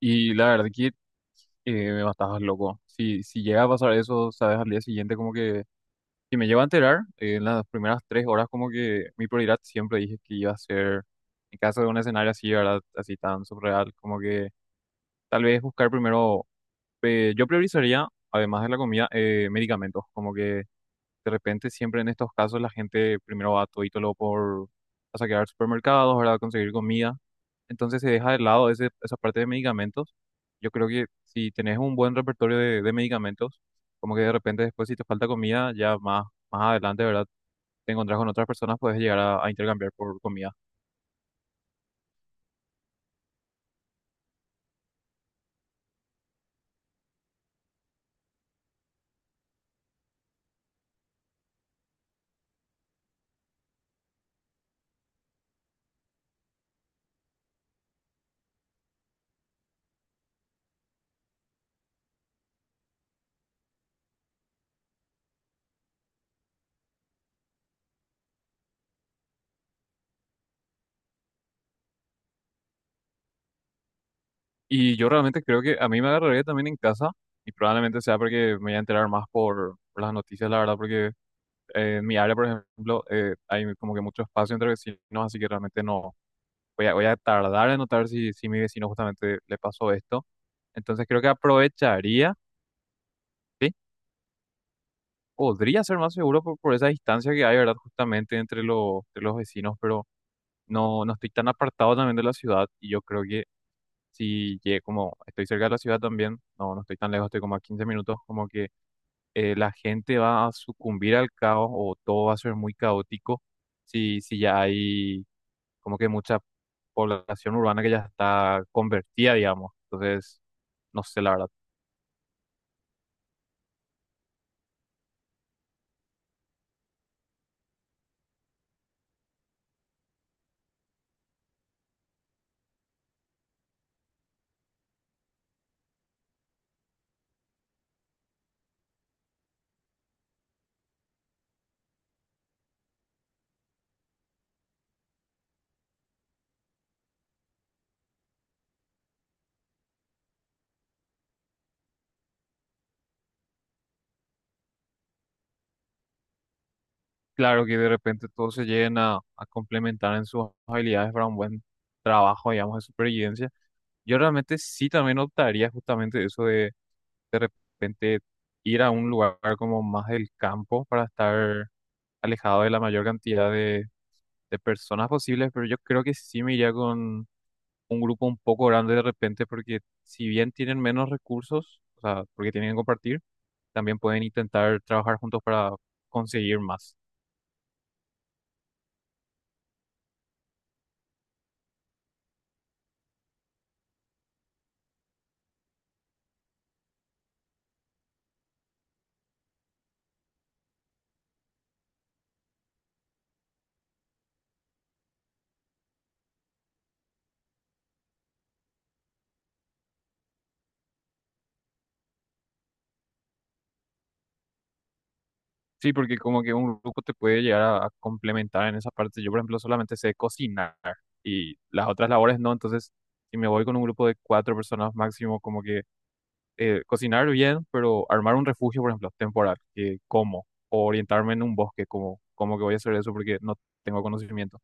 Y la verdad que me matabas loco. Si llega a pasar eso, sabes, al día siguiente como que... Si me llego a enterar, en las primeras 3 horas como que mi prioridad siempre dije que iba a ser, en caso de un escenario así, ¿verdad? Así tan surreal, como que tal vez buscar primero... yo priorizaría, además de la comida, medicamentos. Como que de repente siempre en estos casos la gente primero va todito lo por... a saquear supermercados, ¿verdad? Conseguir comida, entonces se deja de lado esa parte de medicamentos. Yo creo que si tenés un buen repertorio de medicamentos, como que de repente después si te falta comida, ya más, más adelante, ¿verdad? Te encontrás con otras personas, puedes llegar a intercambiar por comida. Y yo realmente creo que a mí me agarraría también en casa y probablemente sea porque me voy a enterar más por las noticias, la verdad, porque en mi área, por ejemplo, hay como que mucho espacio entre vecinos, así que realmente no voy a tardar en notar si mi vecino justamente le pasó esto. Entonces creo que aprovecharía. ¿Sí? Podría ser más seguro por esa distancia que hay, ¿verdad? Justamente entre los vecinos, pero no, no estoy tan apartado también de la ciudad y yo creo que si llegué como estoy cerca de la ciudad también, no, no estoy tan lejos, estoy como a 15 minutos, como que la gente va a sucumbir al caos o todo va a ser muy caótico si ya hay como que mucha población urbana que ya está convertida, digamos. Entonces, no sé, la verdad. Claro que de repente todo se lleguen a complementar en sus habilidades para un buen trabajo, digamos, de supervivencia. Yo realmente sí también optaría justamente eso de repente ir a un lugar como más del campo para estar alejado de la mayor cantidad de personas posibles, pero yo creo que sí me iría con un grupo un poco grande de repente porque si bien tienen menos recursos, o sea, porque tienen que compartir, también pueden intentar trabajar juntos para conseguir más. Sí, porque como que un grupo te puede llegar a complementar en esa parte. Yo, por ejemplo, solamente sé cocinar y las otras labores no. Entonces, si me voy con un grupo de 4 personas máximo, como que cocinar bien, pero armar un refugio, por ejemplo, temporal, que como, o orientarme en un bosque, como, como que voy a hacer eso porque no tengo conocimiento.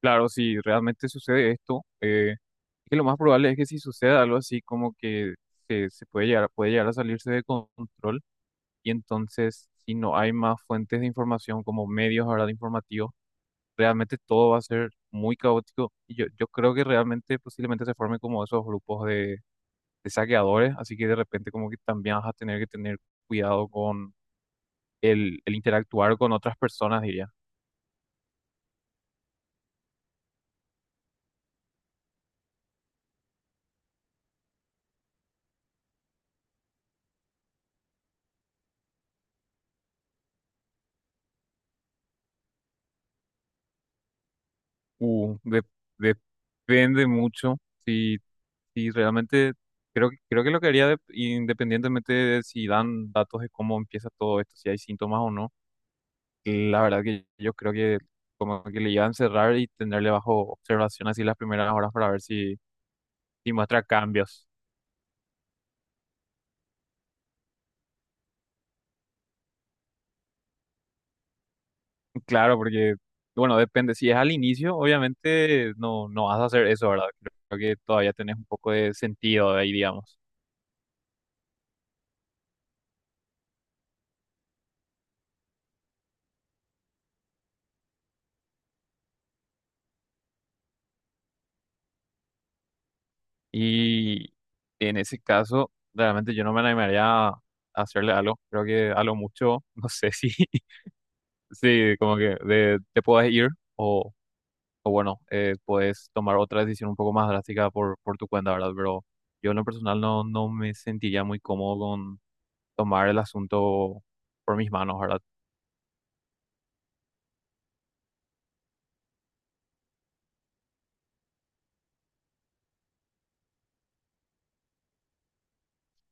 Claro, si realmente sucede esto, es que lo más probable es que si sucede algo así, como que se puede llegar a salirse de control. Y entonces, si no hay más fuentes de información como medios ahora de informativos, realmente todo va a ser muy caótico. Y yo creo que realmente posiblemente se formen como esos grupos de saqueadores, así que de repente como que también vas a tener que tener cuidado con el interactuar con otras personas, diría. Uh, de- de- depende mucho si, si realmente... Creo, creo que lo que haría independientemente de si dan datos de cómo empieza todo esto, si hay síntomas o no, la verdad que yo creo que como que le iba a encerrar y tenerle bajo observación así las primeras horas para ver si, si muestra cambios. Claro, porque, bueno, depende. Si es al inicio, obviamente no, no vas a hacer eso, ¿verdad? Creo que todavía tenés un poco de sentido ahí, digamos. Y en ese caso, realmente yo no me animaría a hacerle algo. Creo que a lo mucho, no sé si, si como que de, te puedes ir o bueno, puedes tomar otra decisión un poco más drástica por tu cuenta, ¿verdad? Pero yo en lo personal no, no me sentiría muy cómodo con tomar el asunto por mis manos, ¿verdad?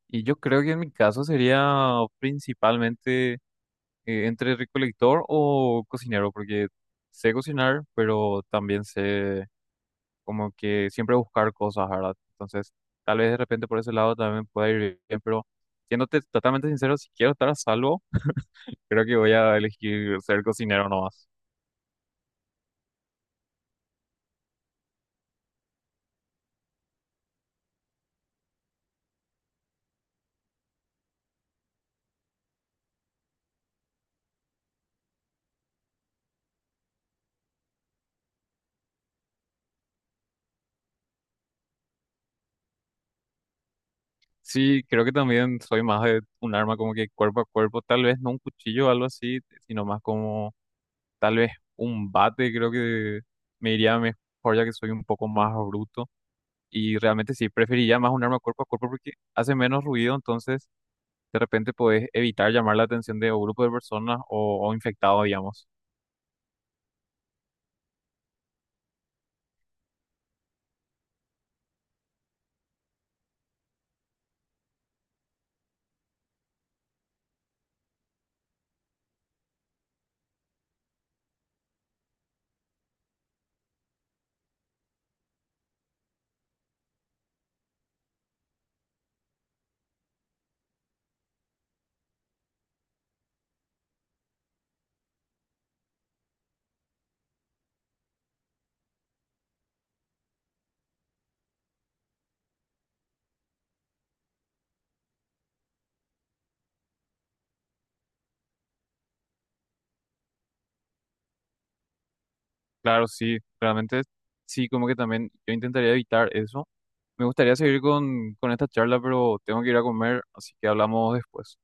Y yo creo que en mi caso sería principalmente entre recolector o cocinero, porque sé cocinar, pero también sé como que siempre buscar cosas, ¿verdad? Entonces, tal vez de repente por ese lado también pueda ir bien, pero siéndote totalmente sincero, si quiero estar a salvo, creo que voy a elegir ser cocinero nomás. Sí, creo que también soy más de un arma como que cuerpo a cuerpo, tal vez no un cuchillo o algo así, sino más como tal vez un bate, creo que me iría mejor ya que soy un poco más bruto. Y realmente sí, preferiría más un arma cuerpo a cuerpo porque hace menos ruido, entonces de repente podés evitar llamar la atención de un grupo de personas o infectados, digamos. Claro, sí, realmente sí, como que también yo intentaría evitar eso. Me gustaría seguir con esta charla, pero tengo que ir a comer, así que hablamos después.